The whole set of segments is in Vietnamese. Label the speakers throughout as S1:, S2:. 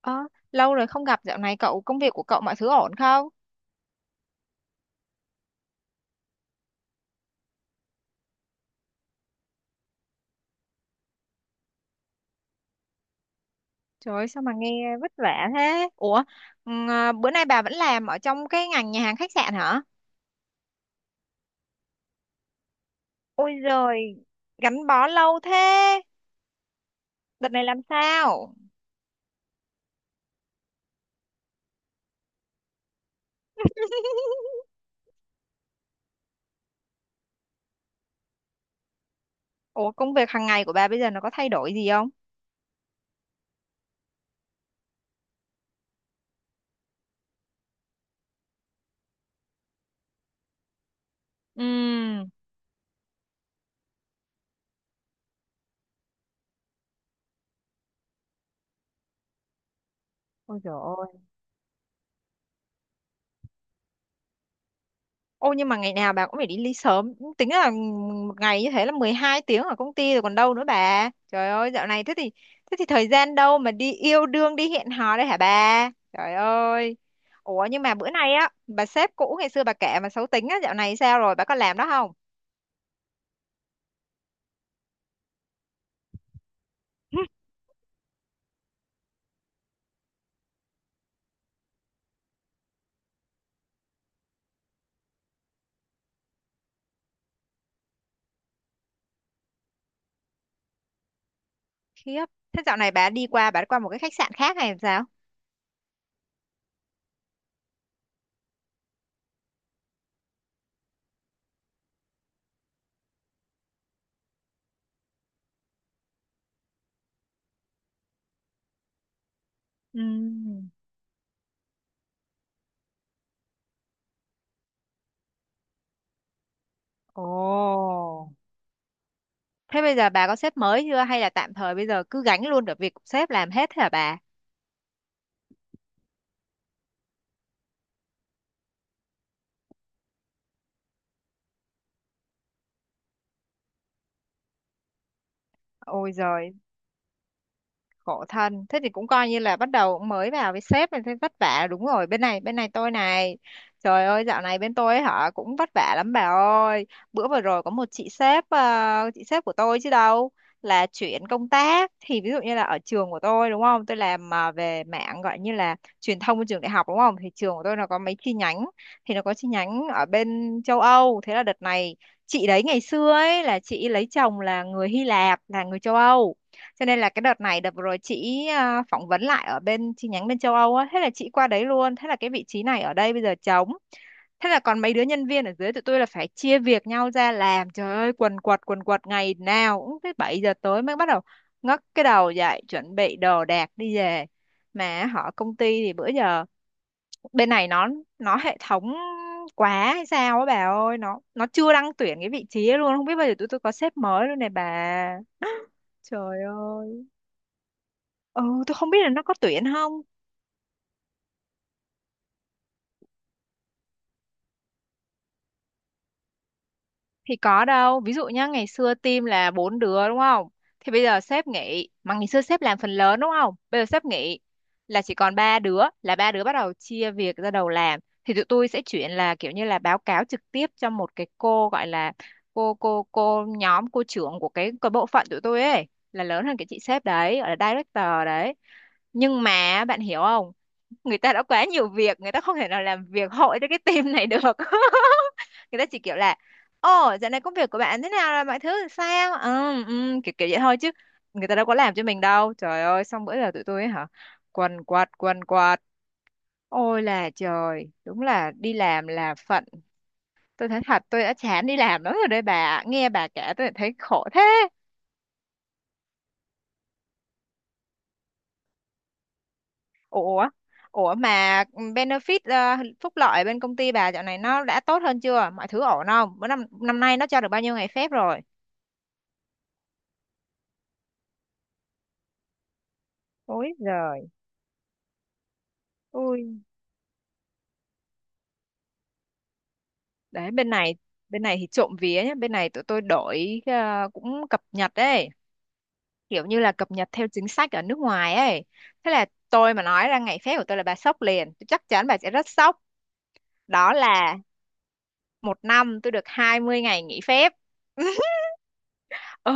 S1: Ơ, lâu rồi không gặp. Dạo này cậu, công việc của cậu, mọi thứ ổn không? Trời ơi, sao mà nghe vất vả thế? Bữa nay bà vẫn làm ở trong cái ngành nhà hàng khách sạn hả? Ôi giời, gắn bó lâu thế. Đợt này làm sao? Ủa, công việc hàng ngày của bà bây giờ nó có thay đổi gì không? Ừ. Ôi giời. Ô nhưng mà ngày nào bà cũng phải đi ly sớm. Tính là một ngày như thế là 12 tiếng ở công ty rồi còn đâu nữa bà. Trời ơi, dạo này thế thì, thế thì thời gian đâu mà đi yêu đương, đi hẹn hò đây hả bà? Trời ơi. Ủa nhưng mà bữa nay á, bà sếp cũ ngày xưa bà kể mà xấu tính á, dạo này sao rồi, bà có làm đó không? Khiếp. Thế dạo này bà đi qua, bà đi qua một cái khách sạn khác hay làm sao? Ừ. Ồ. Thế bây giờ bà có sếp mới chưa hay là tạm thời bây giờ cứ gánh luôn được việc của sếp làm hết thế hả bà? Ôi giời, khổ thân. Thế thì cũng coi như là bắt đầu mới vào với sếp nên thấy vất vả, đúng rồi. Bên này tôi này, trời ơi, dạo này bên tôi ấy hả, cũng vất vả lắm bà ơi. Bữa vừa rồi có một chị sếp, chị sếp của tôi chứ đâu, là chuyển công tác. Thì ví dụ như là ở trường của tôi đúng không, tôi làm về mạng, gọi như là truyền thông của trường đại học đúng không, thì trường của tôi nó có mấy chi nhánh, thì nó có chi nhánh ở bên châu Âu. Thế là đợt này chị đấy, ngày xưa ấy là chị lấy chồng là người Hy Lạp, là người châu Âu, cho nên là cái đợt này, đợt vừa rồi chị phỏng vấn lại ở bên chi nhánh bên châu Âu á, thế là chị qua đấy luôn, thế là cái vị trí này ở đây bây giờ trống. Thế là còn mấy đứa nhân viên ở dưới tụi tôi là phải chia việc nhau ra làm. Trời ơi, quần quật quần quật, ngày nào cũng tới 7 giờ tối mới bắt đầu ngóc cái đầu dậy chuẩn bị đồ đạc đi về. Mà họ, công ty thì bữa giờ bên này nó hệ thống quá hay sao á bà ơi, nó chưa đăng tuyển cái vị trí ấy luôn, không biết bao giờ tụi tôi có sếp mới luôn này bà. Trời ơi. Ừ, tôi không biết là nó có tuyển không. Thì có đâu. Ví dụ nhá, ngày xưa team là 4 đứa đúng không? Thì bây giờ sếp nghỉ. Mà ngày xưa sếp làm phần lớn đúng không? Bây giờ sếp nghỉ là chỉ còn 3 đứa. Là 3 đứa bắt đầu chia việc ra đầu làm. Thì tụi tôi sẽ chuyển là kiểu như là báo cáo trực tiếp cho một cái cô gọi là cô trưởng của cái bộ phận tụi tôi ấy. Là lớn hơn cái chị sếp đấy, gọi là director đấy. Nhưng mà bạn hiểu không? Người ta đã quá nhiều việc, người ta không thể nào làm việc hội cho cái team này được. Người ta chỉ kiểu là, ồ dạo này công việc của bạn thế nào rồi, mọi thứ sao, kiểu kiểu vậy thôi chứ người ta đâu có làm cho mình đâu, trời ơi. Xong bữa giờ tụi tôi ấy hả, quần quật quần quật, ôi là trời, đúng là đi làm là phận. Tôi thấy thật, tôi đã chán đi làm lắm rồi đây bà ạ. Nghe bà kể tôi thấy khổ thế. Ủa, ủa mà benefit, phúc lợi bên công ty bà dạo này nó đã tốt hơn chưa? Mọi thứ ổn không? Bữa năm năm nay nó cho được bao nhiêu ngày phép rồi? Ôi giời, ui. Đấy bên này thì trộm vía nhá, bên này tụi tôi đổi cũng cập nhật đấy, kiểu như là cập nhật theo chính sách ở nước ngoài ấy. Thế là tôi mà nói ra ngày phép của tôi là bà sốc liền, tôi chắc chắn bà sẽ rất sốc. Đó là một năm tôi được 20 ngày nghỉ phép. Ừ,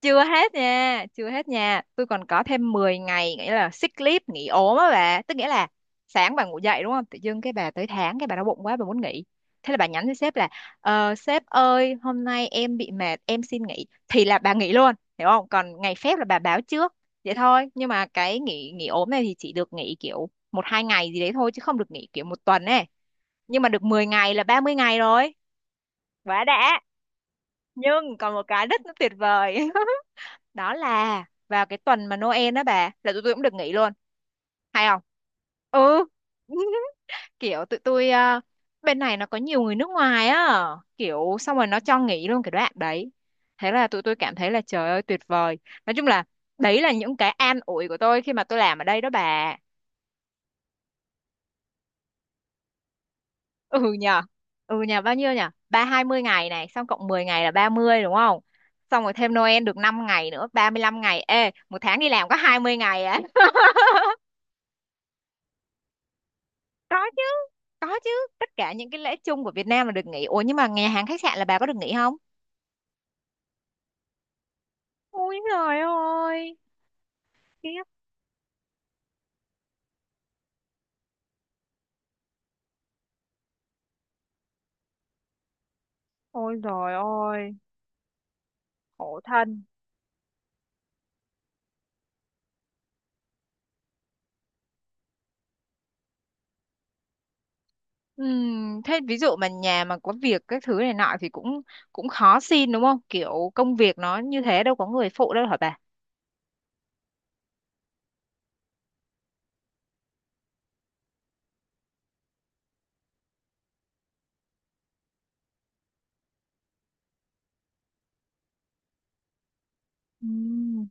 S1: chưa hết nha, chưa hết nha, tôi còn có thêm 10 ngày, nghĩa là sick leave, nghỉ ốm á bà, tức nghĩa là sáng bà ngủ dậy đúng không, tự dưng cái bà tới tháng, cái bà đau bụng quá bà muốn nghỉ, thế là bà nhắn cho sếp là, sếp ơi hôm nay em bị mệt em xin nghỉ, thì là bà nghỉ luôn, hiểu không? Còn ngày phép là bà báo trước vậy thôi. Nhưng mà cái nghỉ nghỉ ốm này thì chỉ được nghỉ kiểu một hai ngày gì đấy thôi chứ không được nghỉ kiểu một tuần ấy. Nhưng mà được 10 ngày là 30 ngày rồi, quá đã. Nhưng còn một cái rất là tuyệt vời, đó là vào cái tuần mà Noel đó bà, là tụi tôi cũng được nghỉ luôn, hay không? Ừ. Kiểu tụi tôi bên này nó có nhiều người nước ngoài á, kiểu xong rồi nó cho nghỉ luôn cái đoạn đấy. Thế là tụi tôi cảm thấy là trời ơi tuyệt vời. Nói chung là đấy là những cái an ủi của tôi khi mà tôi làm ở đây đó bà. Ừ nhờ ừ nhờ bao nhiêu nhờ, hai mươi ngày này xong cộng 10 ngày là 30 đúng không, xong rồi thêm Noel được 5 ngày nữa, 35 ngày. Ê, một tháng đi làm có 20 ngày á. Có chứ, có chứ, tất cả những cái lễ chung của Việt Nam là được nghỉ. Ủa nhưng mà nhà hàng khách sạn là bà có được nghỉ không? Ôi trời ơi, tiếc. Ôi trời ơi, khổ thân. Thế ví dụ mà nhà mà có việc các thứ này nọ thì cũng, cũng khó xin đúng không, kiểu công việc nó như thế đâu có người phụ đâu hả bà? Ừm.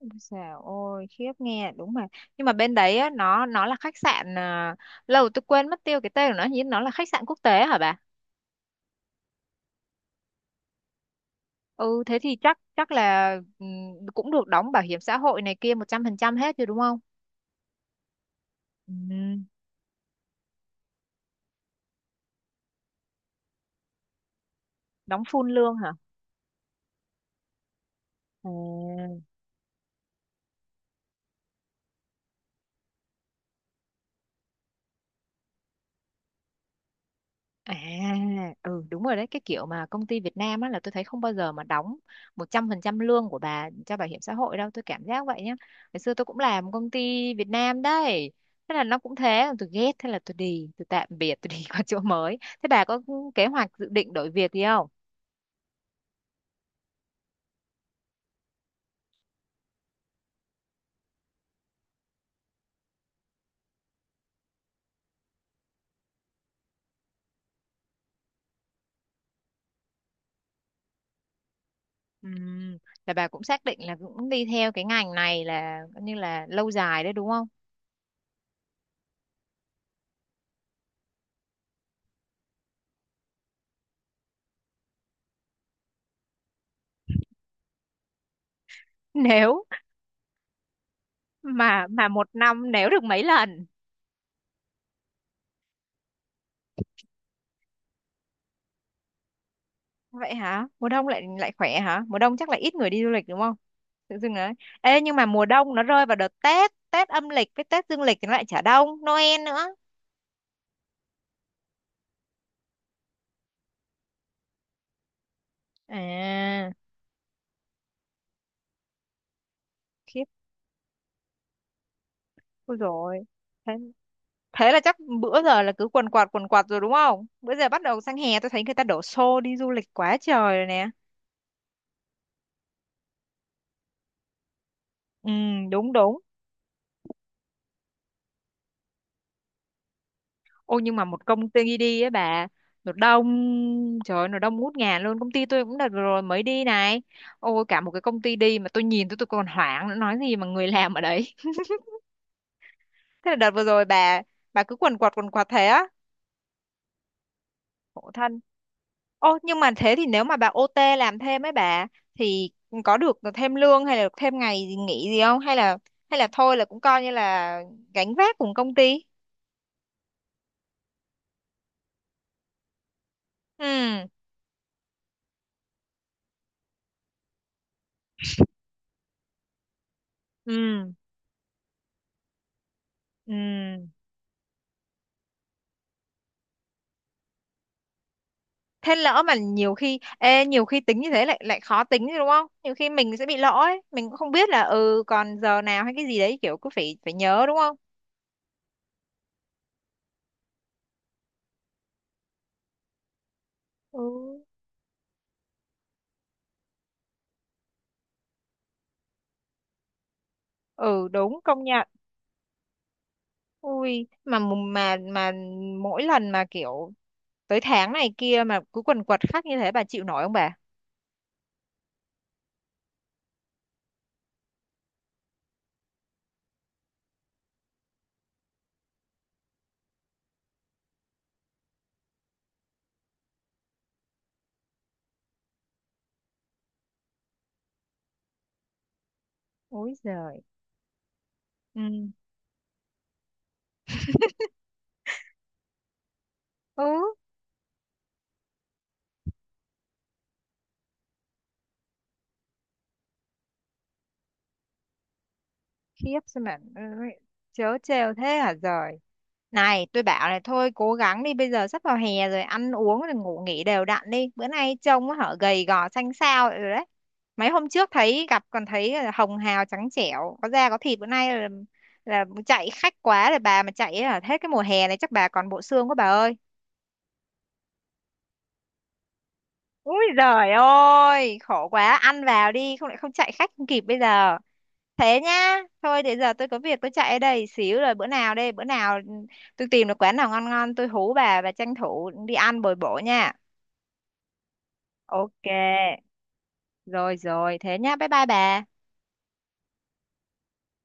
S1: Ôi dào ôi, khiếp, nghe đúng mà. Nhưng mà bên đấy á, nó là khách sạn à, lâu tôi quên mất tiêu cái tên của nó, nhưng nó là khách sạn quốc tế hả bà? Ừ, thế thì chắc chắc là, ừ, cũng được đóng bảo hiểm xã hội này kia 100% hết rồi đúng không? Ừ, đóng full lương hả? À, à ừ đúng rồi đấy, cái kiểu mà công ty Việt Nam á là tôi thấy không bao giờ mà đóng 100% lương của bà cho bảo hiểm xã hội đâu, tôi cảm giác vậy nhá. Ngày xưa tôi cũng làm công ty Việt Nam đấy. Thế là nó cũng thế, tôi ghét, thế là tôi đi, tôi tạm biệt, tôi đi qua chỗ mới. Thế bà có kế hoạch dự định đổi việc gì không? Ừm, Là bà cũng xác định là cũng đi theo cái ngành này là coi như là lâu dài đấy đúng không? Nếu mà một năm nếu được mấy lần vậy hả? Mùa đông lại lại khỏe hả? Mùa đông chắc là ít người đi du lịch đúng không? Tự dưng đấy. Ê nhưng mà mùa đông nó rơi vào đợt Tết, Tết âm lịch với Tết dương lịch thì nó lại chả đông, Noel nữa. À, khiếp, ôi rồi. Thế, thế là chắc bữa giờ là cứ quần quạt rồi đúng không? Bữa giờ bắt đầu sang hè tôi thấy người ta đổ xô đi du lịch quá trời rồi nè. Ừ đúng đúng. Ôi nhưng mà một công ty đi ấy bà, nó đông, trời ơi nó đông ngút ngàn luôn. Công ty tôi cũng đợt vừa rồi mới đi này. Ôi, cả một cái công ty đi mà tôi nhìn tôi còn hoảng nữa, nói gì mà người làm ở đấy. Thế là đợt vừa rồi bà cứ quần quật thế á. Khổ thân. Ô nhưng mà thế thì nếu mà bà OT làm thêm ấy bà, thì có được thêm lương hay là được thêm ngày gì nghỉ gì không? Hay là thôi là cũng coi như là gánh vác cùng công ty? Ừ Ừ Ừ thế lỡ mà nhiều khi ê, nhiều khi tính như thế lại, lại khó tính chứ đúng không, nhiều khi mình sẽ bị lỗ ấy, mình cũng không biết là ừ còn giờ nào hay cái gì đấy, kiểu cứ phải phải nhớ đúng không? ừ ừ đúng, công nhận. Ui mà mà mỗi lần mà kiểu tới tháng này kia mà cứ quần quật khắc như thế bà chịu nổi không bà? Ôi giời. ừ ừ khiếp, sao mà chớ trêu thế hả giời. Này, tôi bảo này, thôi cố gắng đi, bây giờ sắp vào hè rồi, ăn uống rồi ngủ nghỉ đều đặn đi. Bữa nay trông á, hở, gầy gò xanh xao rồi đấy. Mấy hôm trước thấy gặp còn thấy là hồng hào trắng trẻo, có da có thịt, bữa nay là chạy khách quá rồi bà, mà chạy ở hết cái mùa hè này chắc bà còn bộ xương quá bà ơi. Úi giời ơi, khổ quá, ăn vào đi không lại không chạy khách không kịp bây giờ. Thế nhá, thôi thì giờ tôi có việc, tôi chạy ở đây xíu rồi, bữa nào đây, bữa nào tôi tìm được quán nào ngon ngon tôi hú bà và tranh thủ đi ăn bồi bổ nha. OK, rồi rồi, thế nhá, bye bye bà.